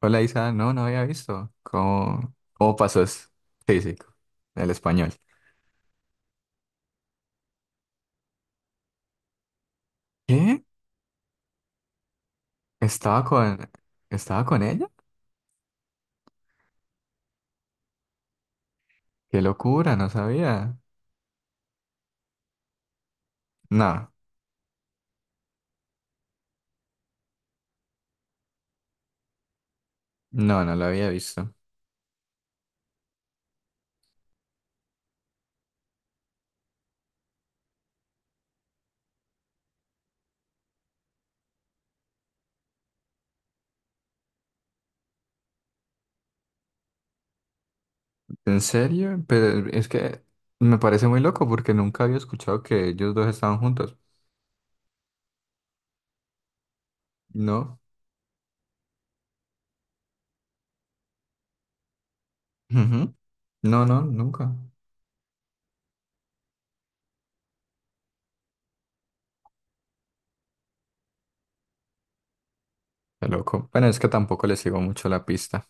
Hola Isa, no, no había visto. ¿Cómo pasó? Es físico, ¿el español? ¿Qué? ¿Estaba con, Estaba con ella? Qué locura, no sabía. No, no, no lo había visto. ¿En serio? Pero es que me parece muy loco porque nunca había escuchado que ellos dos estaban juntos. No, ujú. No, no, nunca. Qué loco. Bueno, es que tampoco le sigo mucho la pista.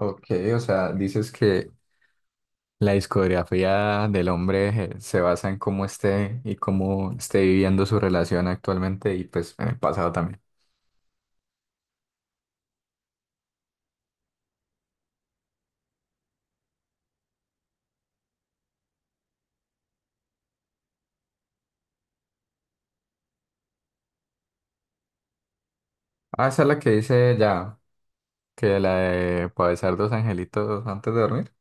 Ok, o sea, dices que la discografía del hombre se basa en cómo esté y cómo esté viviendo su relación actualmente y pues en el pasado también. Ah, esa es la que dice ya, que la de pa' besar dos angelitos antes de dormir.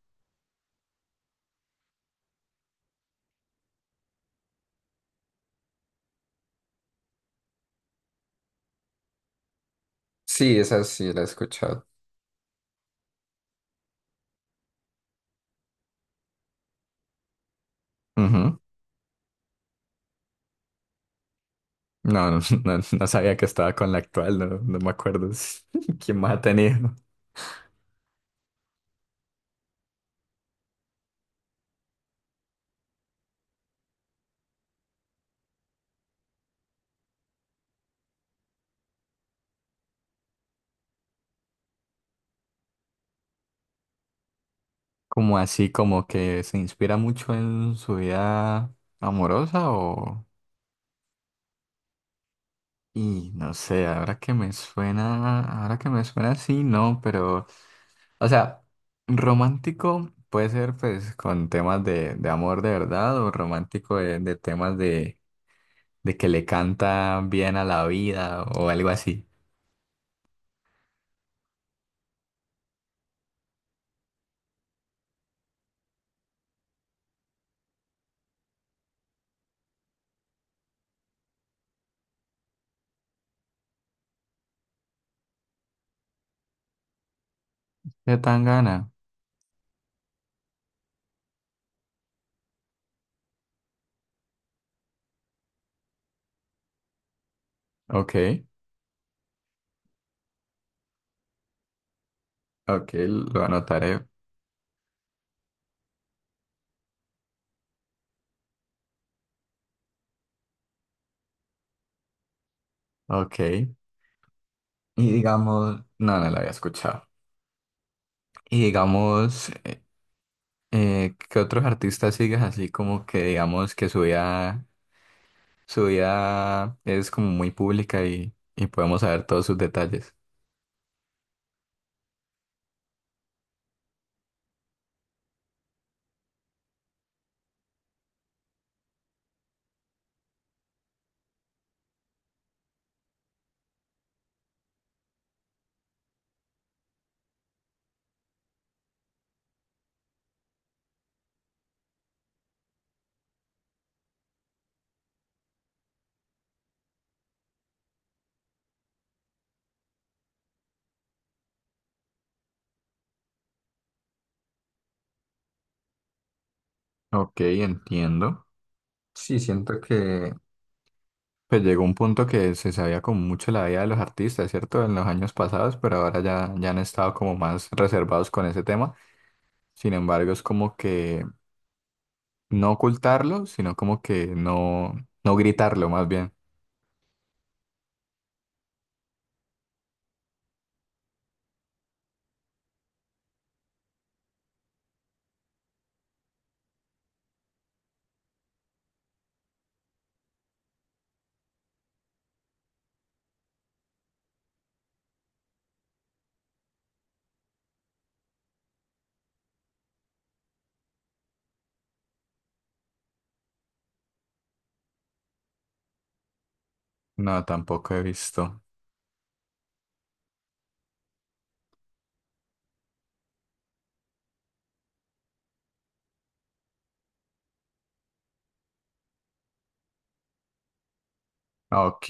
Sí, esa sí la he escuchado. Ujú. No, no, no, no sabía que estaba con la actual, no, no me acuerdo quién más ha tenido. ¿Como así, como que se inspira mucho en su vida amorosa o...? Y no sé, ahora que me suena sí, no, pero, o sea, romántico puede ser pues con temas de amor de verdad o romántico de temas de que le canta bien a la vida o algo así. De Tangana. Ok, ok, lo anotaré. Ok. Y digamos, no, no lo había escuchado. Y digamos, ¿qué otros artistas sigues así como que digamos que subía su vida es como muy pública y podemos saber todos sus detalles? Ok, entiendo. Sí, siento que pues llegó un punto que se sabía como mucho la vida de los artistas, ¿cierto? En los años pasados, pero ahora ya, ya han estado como más reservados con ese tema. Sin embargo, es como que no ocultarlo, sino como que no, no gritarlo más bien. No, tampoco he visto. Ok,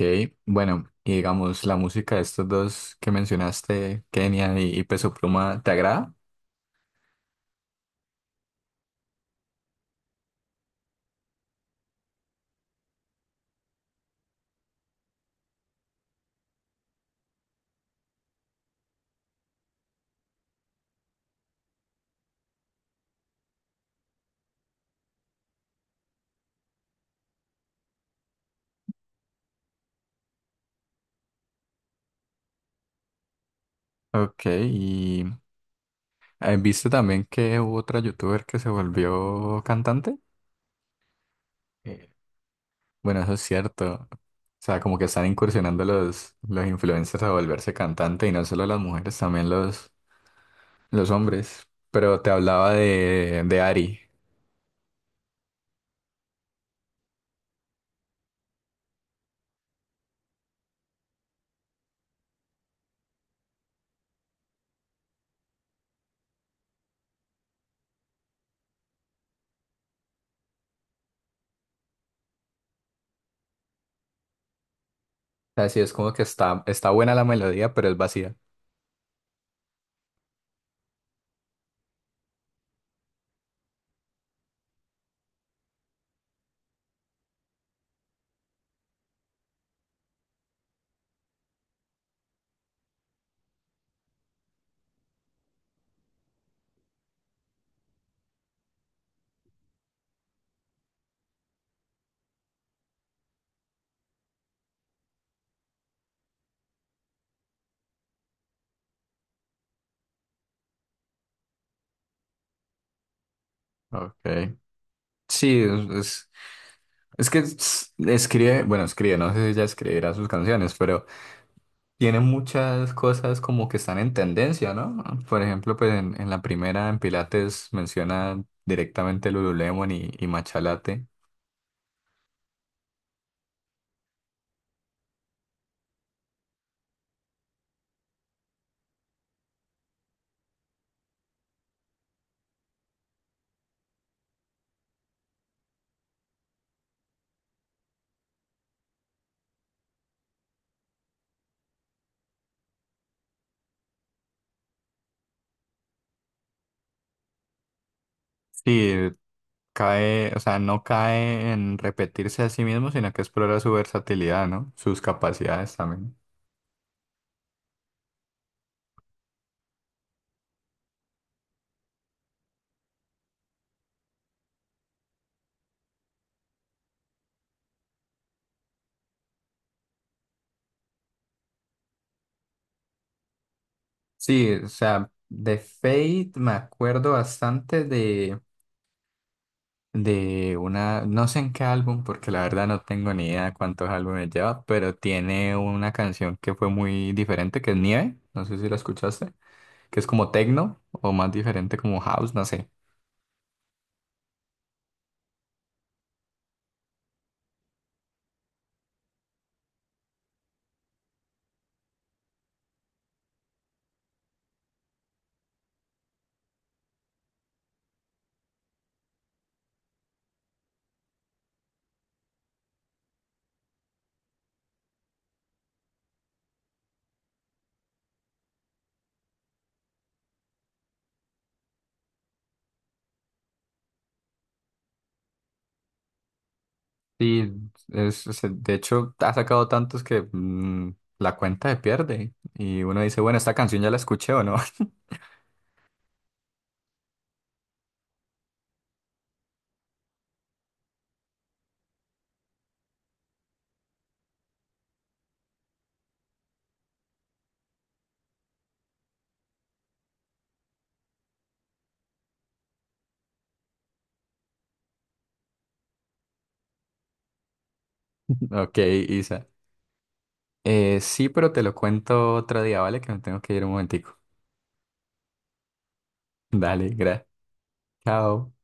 bueno, y digamos, la música de estos dos que mencionaste, Kenia y Peso Pluma, ¿te agrada? Ok, y ¿viste también que hubo otra youtuber que se volvió cantante? Eh, Bueno, eso es cierto. O sea, como que están incursionando los influencers a volverse cantante y no solo las mujeres, también los hombres. Pero te hablaba de Ari. O sea, sí, es como que está, está buena la melodía, pero es vacía. Ok. Sí, es, es Escribe, bueno, escribe, no sé si ella escribirá sus canciones, pero tiene muchas cosas como que están en tendencia, ¿no? Por ejemplo, pues en la primera, en Pilates, menciona directamente el Lululemon y matcha latte. Sí, cae, o sea, no cae en repetirse a sí mismo, sino que explora su versatilidad, ¿no? Sus capacidades también. Sí, o sea, de Fate me acuerdo bastante de una, no sé en qué álbum, porque la verdad no tengo ni idea cuántos álbumes lleva, pero tiene una canción que fue muy diferente, que es Nieve, no sé si la escuchaste, que es como techno o más diferente como house, no sé. Y de hecho ha sacado tantos que la cuenta se pierde y uno dice, bueno, esta canción ya la escuché o no. Ok, Isa. Sí, pero te lo cuento otro día, ¿vale? Que me tengo que ir un momentico. Dale, gracias. Chao.